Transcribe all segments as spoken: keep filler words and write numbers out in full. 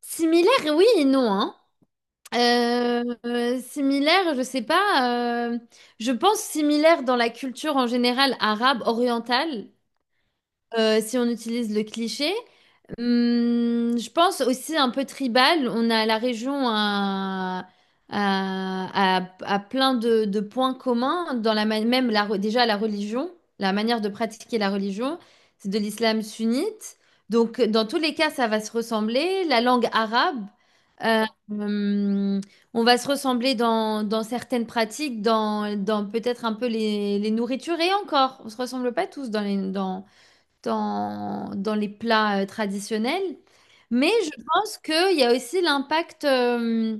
Similaire, oui et non, hein. Euh, euh, similaire, je sais pas. euh, je pense similaire dans la culture en général arabe, orientale, euh, si on utilise le cliché. Hum, je pense aussi un peu tribal. On a la région à, à, à- à plein de, de points communs, dans la, ma- même la, re- déjà la religion, la manière de pratiquer la religion, c'est de l'islam sunnite. Donc, dans tous les cas, ça va se ressembler. La langue arabe, euh, hum, on va se ressembler dans, dans certaines pratiques, dans, dans peut-être un peu les, les nourritures et encore, on se ressemble pas tous dans les, dans dans, dans les plats euh, traditionnels. Mais je pense qu'il y a aussi l'impact euh,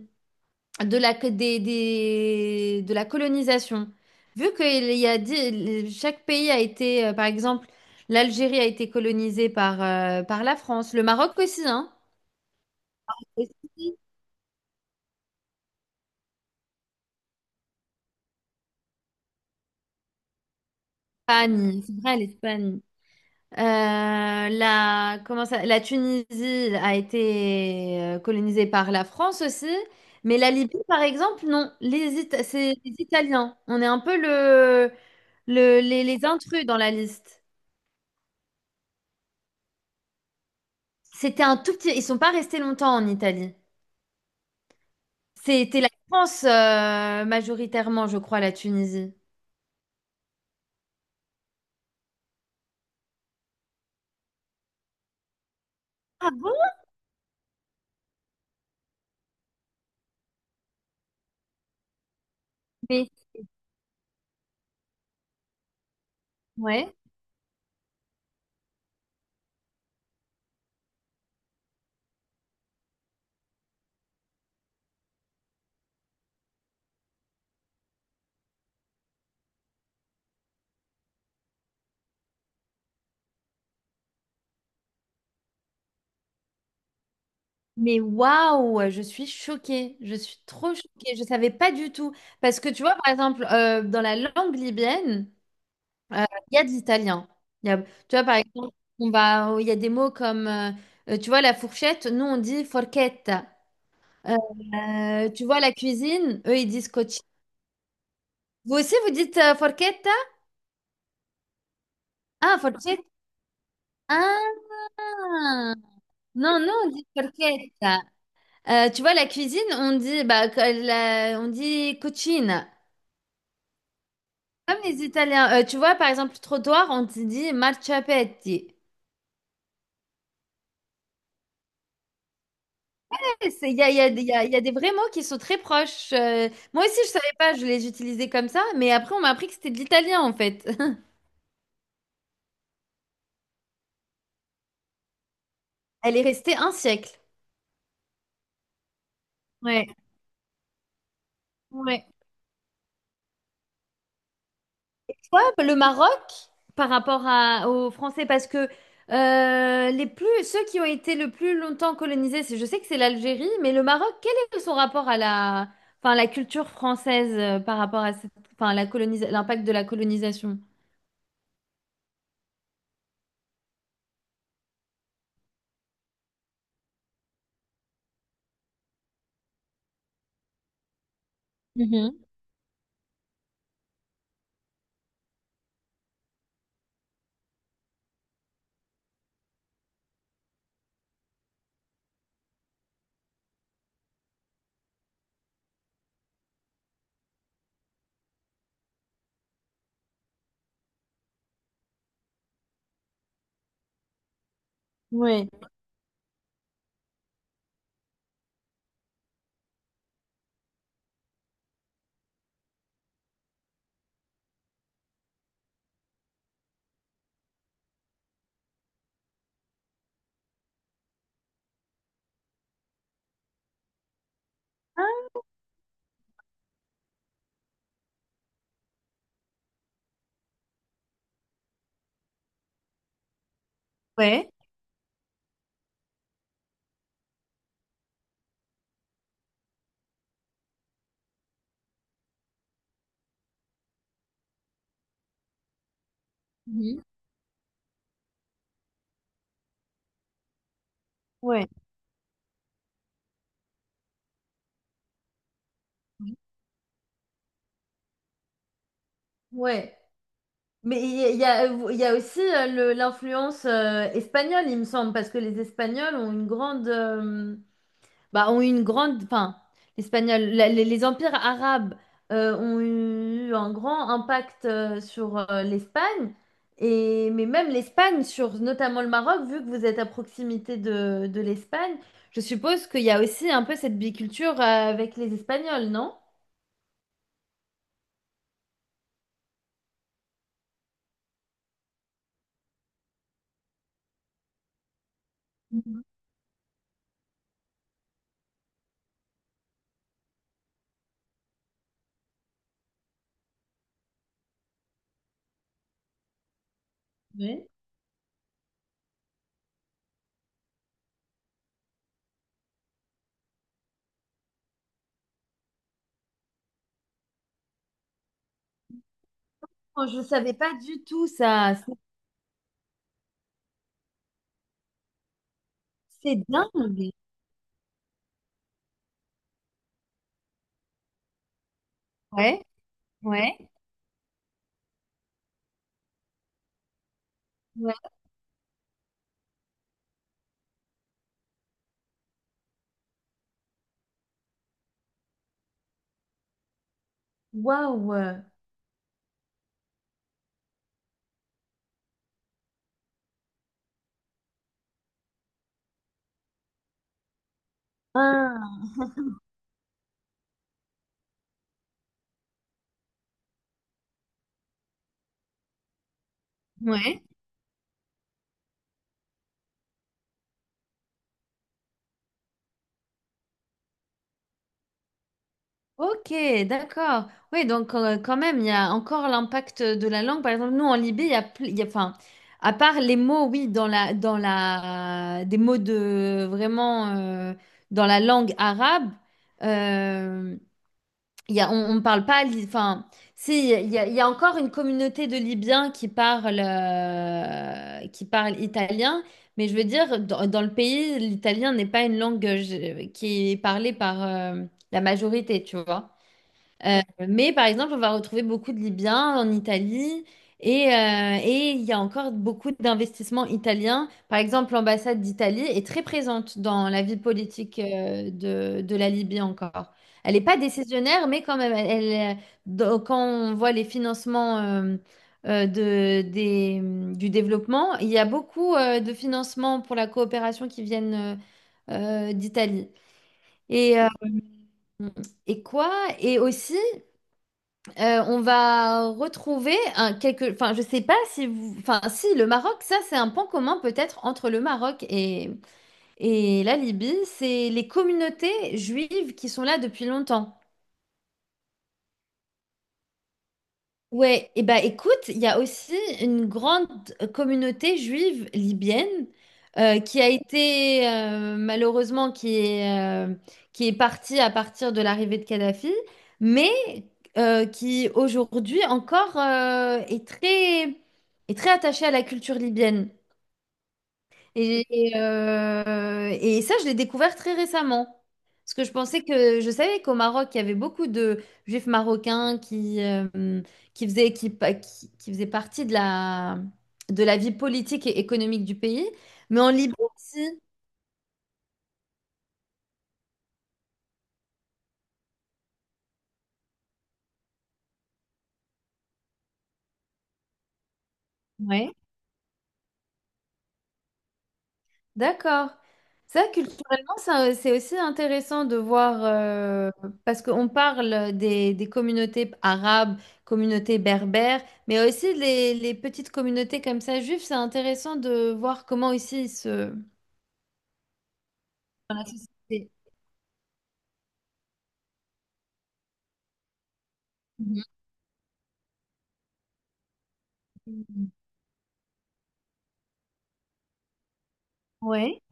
de la, co- des- des- de la colonisation. Vu que il y a, di- chaque pays a été, euh, par exemple, l'Algérie a été colonisée par, euh, par la France, le Maroc aussi, hein? Espagne, c'est vrai, l'Espagne. Euh, la, comment ça, la Tunisie a été euh, colonisée par la France aussi, mais la Libye, par exemple, non. Les Ita- c'est les Italiens. On est un peu le, le- les, les intrus dans la liste. C'était un tout petit. Ils sont pas restés longtemps en Italie. C'était la France euh, majoritairement, je crois, la Tunisie. Ah bon? Mais ouais. Mais waouh, je suis choquée, je suis trop choquée, je savais pas du tout. Parce que tu vois, par exemple, euh, dans la langue libyenne, euh, il y a de l'italien. Il y a- Tu vois, par exemple, on va, il y a des mots comme, euh, euh, tu vois, la fourchette, nous on dit forchetta. Euh, euh, tu vois, la cuisine, eux ils disent coci. Vous aussi, vous dites euh, forchetta? Ah, forchetta. Ah, non, non, on dit forchetta. Euh, tu vois, la cuisine, on dit, bah, que la- on dit cucina. Comme les Italiens, euh, tu vois, par exemple, trottoir, on te dit marciapiedi. Eh, c'est- Il y a, il y a des il y a- il y a des vrais mots qui sont très proches. euh, moi aussi, je savais pas, je les utilisais comme ça, mais après, on m'a appris que c'était de l'italien, en fait. Elle est restée un siècle. Ouais, ouais. Hop, le Maroc, par rapport à- aux Français, parce que euh, les plus, ceux qui ont été le plus longtemps colonisés, c'est- je sais que c'est l'Algérie, mais le Maroc, quel est son rapport à la, enfin, la culture française euh, par rapport à cette- enfin, la colonisa- l'impact de la colonisation? Mhm. Ouais. Ah, ouais. Mhm. Ouais. Ouais. Mais il y a, il y a il y a aussi euh, le- l'influence euh, espagnole, il me semble, parce que les Espagnols ont une grande, euh, bah, ont une grande, enfin, l'espagnol, la- les, les empires arabes euh, ont eu un grand impact euh, sur euh, l'Espagne, et mais même l'Espagne sur notamment le Maroc, vu que vous êtes à proximité de, de l'Espagne, je suppose qu'il y a aussi un peu cette biculture euh, avec les Espagnols, non? Ouais. Oh, je ne savais pas du tout ça. C'est c'est dingue. Ouais, ouais, ouais. Waouh. Ah, ouais. Ok, d'accord. Oui, donc euh, quand même, il y a encore l'impact de la langue. Par exemple, nous, en Libye, il y a, plus- il y a- enfin, à part les mots, oui, dans la, dans la, des mots de vraiment euh, dans la langue arabe. euh, Il y a, on ne parle pas. li- Enfin, si, il y a, il y a encore une communauté de Libyens qui parlent, euh, qui parlent italien, mais je veux dire, dans, dans le pays, l'italien n'est pas une langue euh, je- qui est parlée par euh, la majorité, tu vois. Euh, mais par exemple, on va retrouver beaucoup de Libyens en Italie et, euh, et il y a encore beaucoup d'investissements italiens. Par exemple, l'ambassade d'Italie est très présente dans la vie politique euh, de, de la Libye encore. Elle n'est pas décisionnaire, mais quand même, elle, elle, euh, dans- quand on voit les financements euh, euh, de, des, mm, du développement, il y a beaucoup euh, de financements pour la coopération qui viennent euh, euh, d'Italie. Et, euh, et quoi? Et aussi, euh, on va retrouver un quelque, enfin je sais pas si vous, enfin si le Maroc, ça c'est un point commun peut-être entre le Maroc et et la Libye, c'est les communautés juives qui sont là depuis longtemps. Ouais, et bah écoute, il y a aussi une grande euh, communauté juive libyenne euh, qui a été euh, malheureusement qui est, euh, qui est partie à partir de l'arrivée de Kadhafi, mais euh, qui aujourd'hui encore euh, est très, est très attachée à la culture libyenne. Et, et, euh, et ça, je l'ai découvert très récemment. Parce que je pensais que je savais qu'au Maroc, il y avait beaucoup de juifs marocains qui, euh, qui faisaient, qui, pa- qui, qui faisaient partie de la, de la vie politique et économique du pays. Mais en Libye aussi. ouais D'accord. Ça, culturellement, ça- c'est aussi intéressant de voir, euh, parce qu'on parle des, des communautés arabes, communautés berbères, mais aussi les, les petites communautés comme ça, juives, c'est intéressant de voir comment ici ils se. Dans la société. Mhm. Ouais.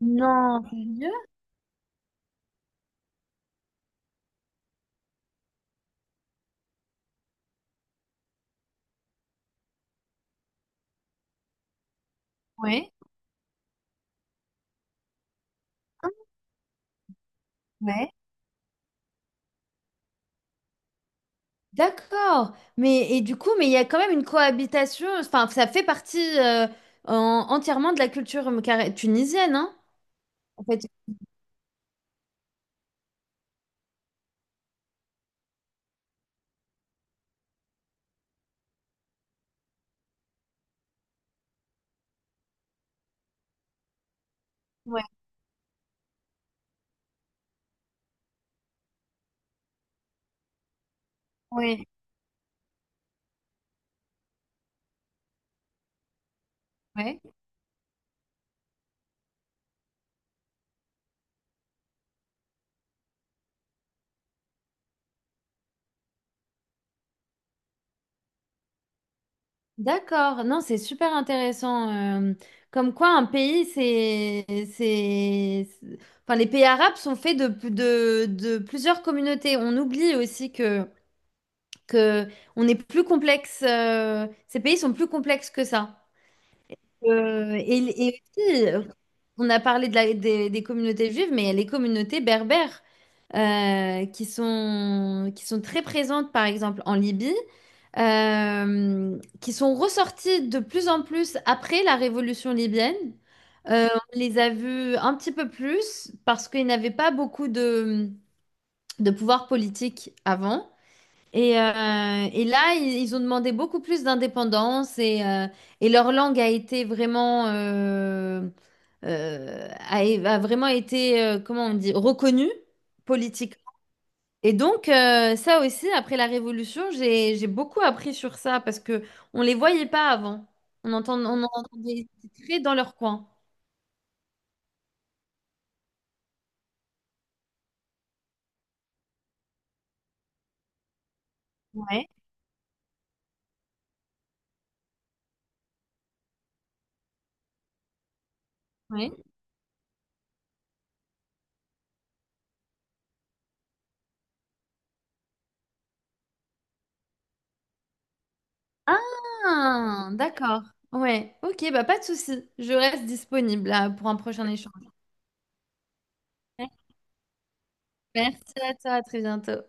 Non, sérieux? Ouais. Ouais. D'accord. Mais et du coup, mais il y a quand même une cohabitation, enfin, ça fait partie euh, en- entièrement de la culture euh, carré- tunisienne, hein, en fait. Oui. Oui. D'accord, non, c'est super intéressant. euh, comme quoi, un pays, c'est, c'est, c'est- enfin, les pays arabes sont faits de, de, de plusieurs communautés. On oublie aussi que, que on est plus complexe. euh, ces pays sont plus complexes que ça. Euh, et, et aussi, euh, on a parlé de la- des, des communautés juives, mais il y a les communautés berbères euh, qui sont, qui sont très présentes, par exemple, en Libye, euh, qui sont ressorties de plus en plus après la révolution libyenne. Euh, on les a vus un petit peu plus parce qu'ils n'avaient pas beaucoup de, de pouvoir politique avant. Et, euh, et là, ils, ils ont demandé beaucoup plus d'indépendance et, euh, et leur langue a été vraiment, euh, euh, a, a vraiment été, euh, comment on dit, reconnue politiquement. Et donc, euh, ça aussi, après la Révolution, j'ai, j'ai beaucoup appris sur ça parce que on les voyait pas avant. On entend, on en entendait très dans leur coin. Ouais, ouais. Ah, d'accord. Ouais, ok, bah pas de souci. Je reste disponible là, pour un prochain échange. Merci à toi, à très bientôt.